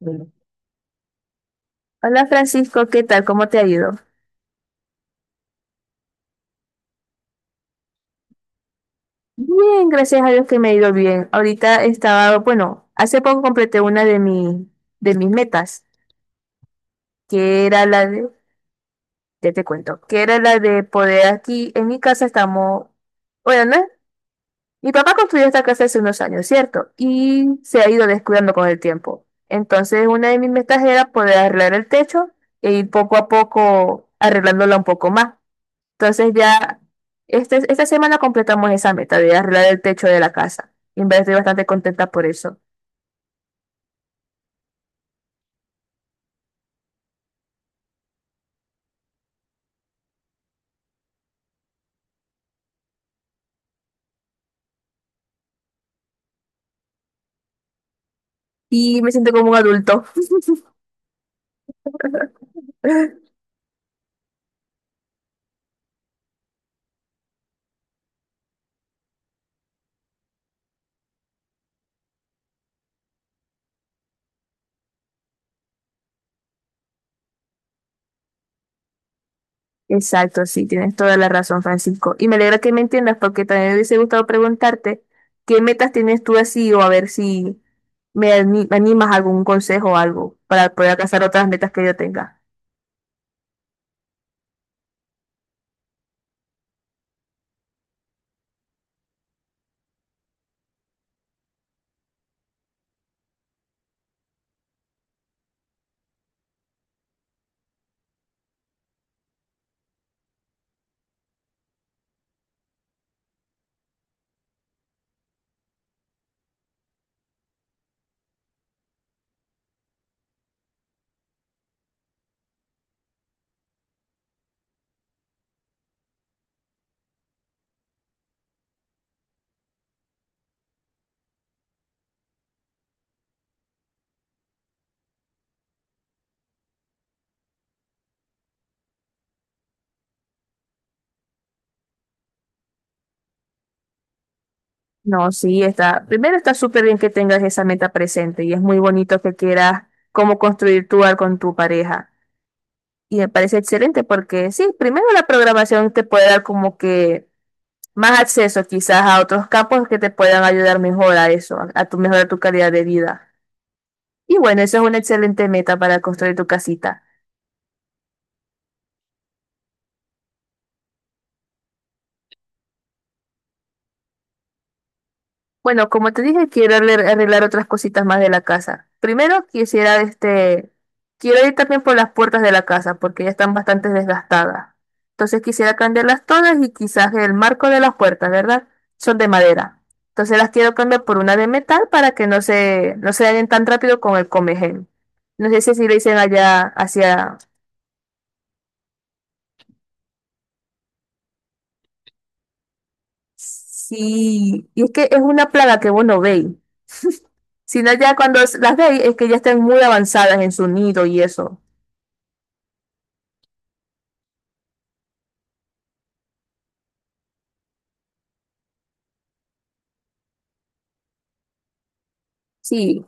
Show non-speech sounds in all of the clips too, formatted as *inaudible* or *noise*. Bueno. Hola Francisco, ¿qué tal? ¿Cómo te ha ido? Bien, gracias a Dios que me ha ido bien. Ahorita estaba, bueno, hace poco completé una de de mis metas, que era ya te cuento, que era la de poder aquí, en mi casa estamos, bueno, ¿no? Mi papá construyó esta casa hace unos años, ¿cierto? Y se ha ido descuidando con el tiempo. Entonces, una de mis metas era poder arreglar el techo e ir poco a poco arreglándola un poco más. Entonces ya esta semana completamos esa meta de arreglar el techo de la casa. Y en verdad estoy bastante contenta por eso. Y me siento como un adulto. *laughs* Exacto, sí, tienes toda la razón, Francisco. Y me alegra que me entiendas porque también me hubiese gustado preguntarte qué metas tienes tú así o a ver si me animas a algún consejo o algo para poder alcanzar otras metas que yo tenga. No, sí, está. Primero está súper bien que tengas esa meta presente y es muy bonito que quieras cómo construir tu hogar con tu pareja. Y me parece excelente porque sí, primero la programación te puede dar como que más acceso quizás a otros campos que te puedan ayudar mejor a eso, a tu mejorar tu calidad de vida. Y bueno, eso es una excelente meta para construir tu casita. Bueno, como te dije, quiero arreglar otras cositas más de la casa. Primero quisiera, este, quiero ir también por las puertas de la casa porque ya están bastante desgastadas. Entonces quisiera cambiarlas todas y quizás el marco de las puertas, ¿verdad? Son de madera. Entonces las quiero cambiar por una de metal para que no se dañen tan rápido con el comején. No sé si así le dicen allá hacia... Sí, y es que es una plaga que vos no veis. Sino ya cuando las veis es que ya están muy avanzadas en su nido y eso. Sí.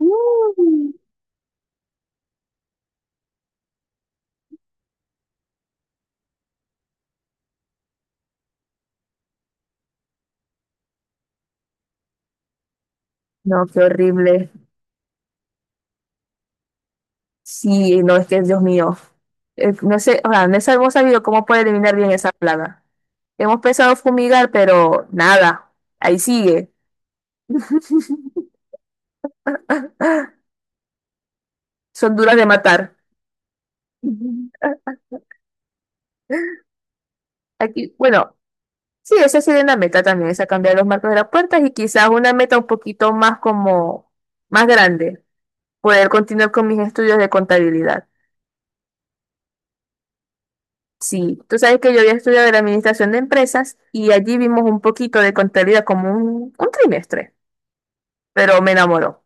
Mm. No, qué horrible. Sí, no, es que Dios mío. No sé, o sea, no sé- hemos sabido cómo puede eliminar bien esa plaga. Hemos pensado fumigar, pero nada. Ahí sigue. Ah, son duras de matar. Ujú. Aquí, bueno, sí, esa sería una meta también, esa cambiar los marcos de las puertas y quizás una meta un poquito más como, más grande, poder continuar con mis estudios de contabilidad. Sí, tú sabes que yo había estudiado la administración de empresas y allí vimos un poquito de contabilidad como un trimestre, pero me enamoró.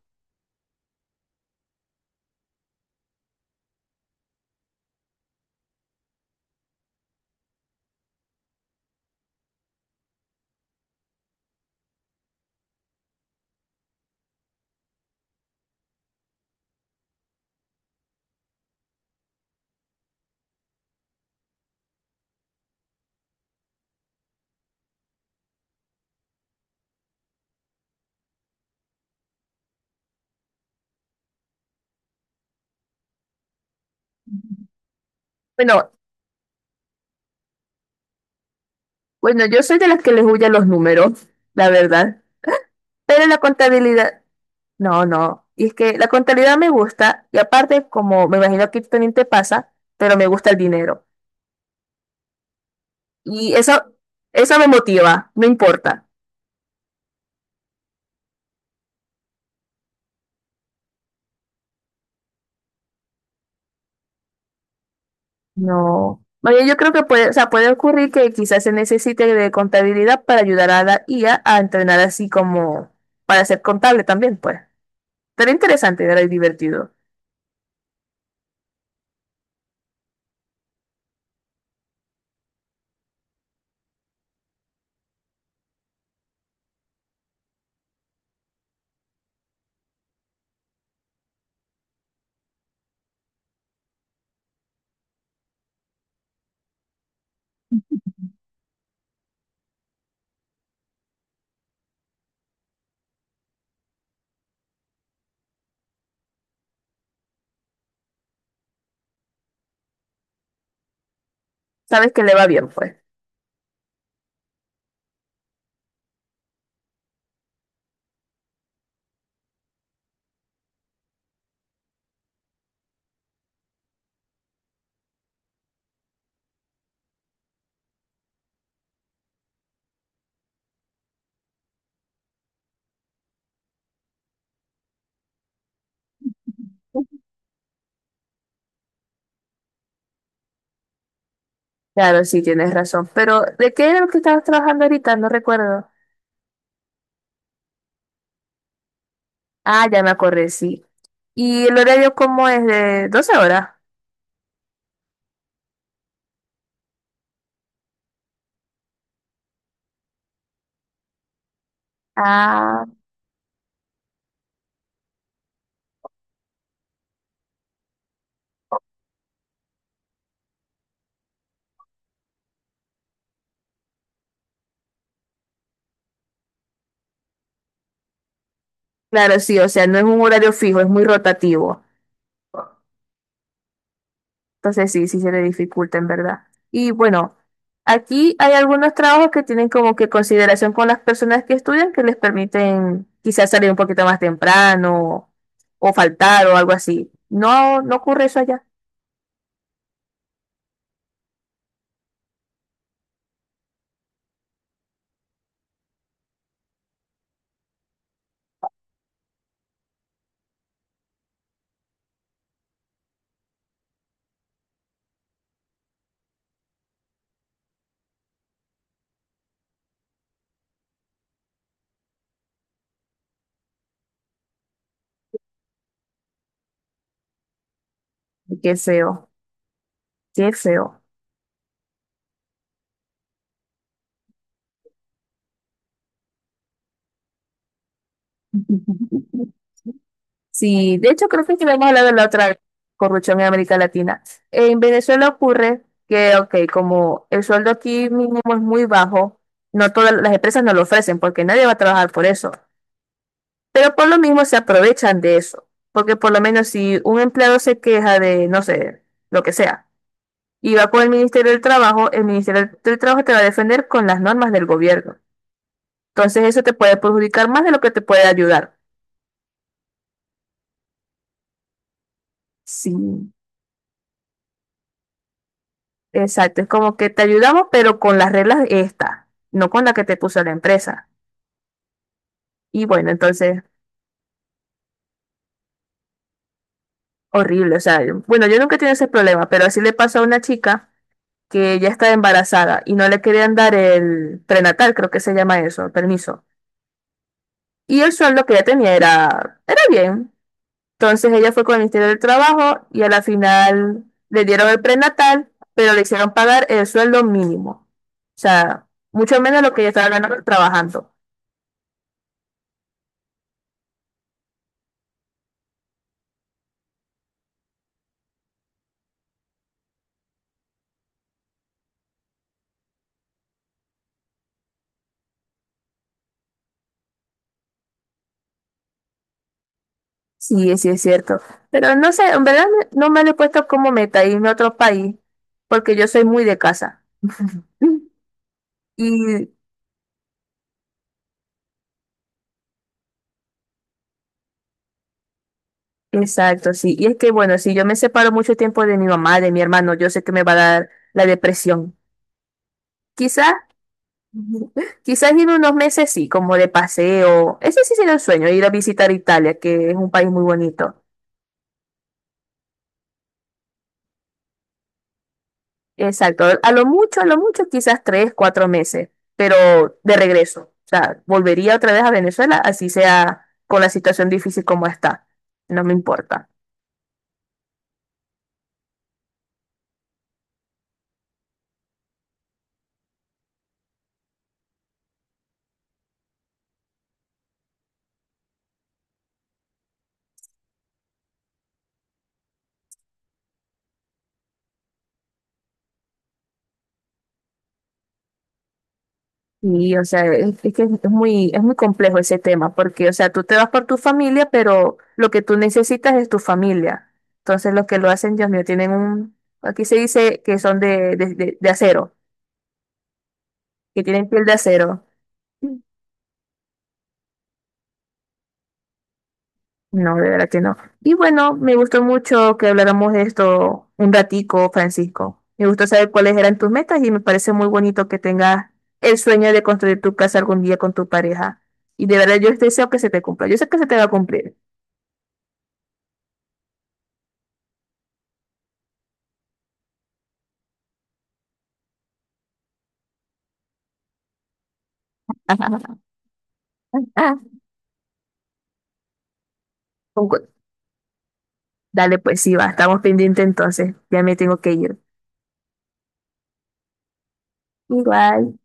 Bueno, bueno, yo soy de las que les huyen los números, la verdad, pero la contabilidad, no, no, y es que la contabilidad me gusta y aparte, como me imagino que también te pasa, pero me gusta el dinero y eso me motiva, no importa. No. Oye, yo creo que puede, o sea, puede ocurrir que quizás se necesite de contabilidad para ayudar a la IA a entrenar así como para ser contable también, pues. Pero interesante, era y divertido. Sabes que le va bien, pues. Claro, sí, tienes razón. Pero, ¿de qué era lo que estabas trabajando ahorita? No recuerdo. Ah, ya me acordé, sí. ¿Y el horario cómo es? ¿De 12 horas? Ah, claro, sí, o sea, no es un horario fijo, es muy rotativo. Entonces sí, sí se le dificulta en verdad. Y bueno, aquí hay algunos trabajos que tienen como que consideración con las personas que estudian que les permiten quizás salir un poquito más temprano o faltar o algo así. No, no ocurre eso allá. Qué feo, qué feo. *laughs* Sí, de hecho creo que lo hemos hablado la otra vez, corrupción en América Latina. En Venezuela ocurre que, ok, como el sueldo aquí mínimo es muy bajo, no todas las empresas no lo ofrecen porque nadie va a trabajar por eso. Pero por lo mismo se aprovechan de eso, porque por lo menos si un empleado se queja de, no sé, lo que sea, y va con el Ministerio del Trabajo, el Ministerio del Trabajo te va a defender con las normas del gobierno. Entonces eso te puede perjudicar más de lo que te puede ayudar. Sí, exacto. Es como que te ayudamos, pero con las reglas estas, no con la que te puso la empresa. Y bueno, entonces, horrible. O sea, bueno, yo nunca he tenido ese problema, pero así le pasó a una chica que ya está embarazada y no le querían dar el prenatal, creo que se llama eso, el permiso. Y el sueldo que ella tenía era bien. Entonces ella fue con el Ministerio del Trabajo y a la final le dieron el prenatal, pero le hicieron pagar el sueldo mínimo. O sea, mucho menos lo que ella estaba ganando trabajando. Sí, sí es cierto. Pero no sé, en verdad no me lo he puesto como meta irme a otro país, porque yo soy muy de casa. *clears throat* *laughs* Y exacto, sí. Y es que, bueno, si yo me separo mucho tiempo de mi mamá, de mi hermano, yo sé que me va a dar la depresión. Quizás, *laughs* quizás en unos meses sí, como de paseo. Ese sí sería el sueño, ir a visitar Italia, que es un país muy bonito. Exacto. A lo mucho, quizás tres, cuatro meses, pero de regreso. O sea, volvería otra vez a Venezuela, así sea con la situación difícil como está. No me importa. O sea, es que es muy complejo ese tema, porque, o sea, tú te vas por tu familia, pero lo que tú necesitas es tu familia. Entonces, los que lo hacen, Dios mío, tienen un, aquí se dice que son de acero, que tienen piel de acero. No, de verdad que no. Y bueno, me gustó mucho que habláramos de esto un ratico, Francisco. Me gustó saber cuáles eran tus metas y me parece muy bonito que tengas el sueño de construir tu casa algún día con tu pareja. Y de verdad yo deseo que se te cumpla. Yo sé que se te va a cumplir. *laughs* Ah, concu- dale, pues sí, va, estamos pendientes entonces. Ya me tengo que ir. Igual.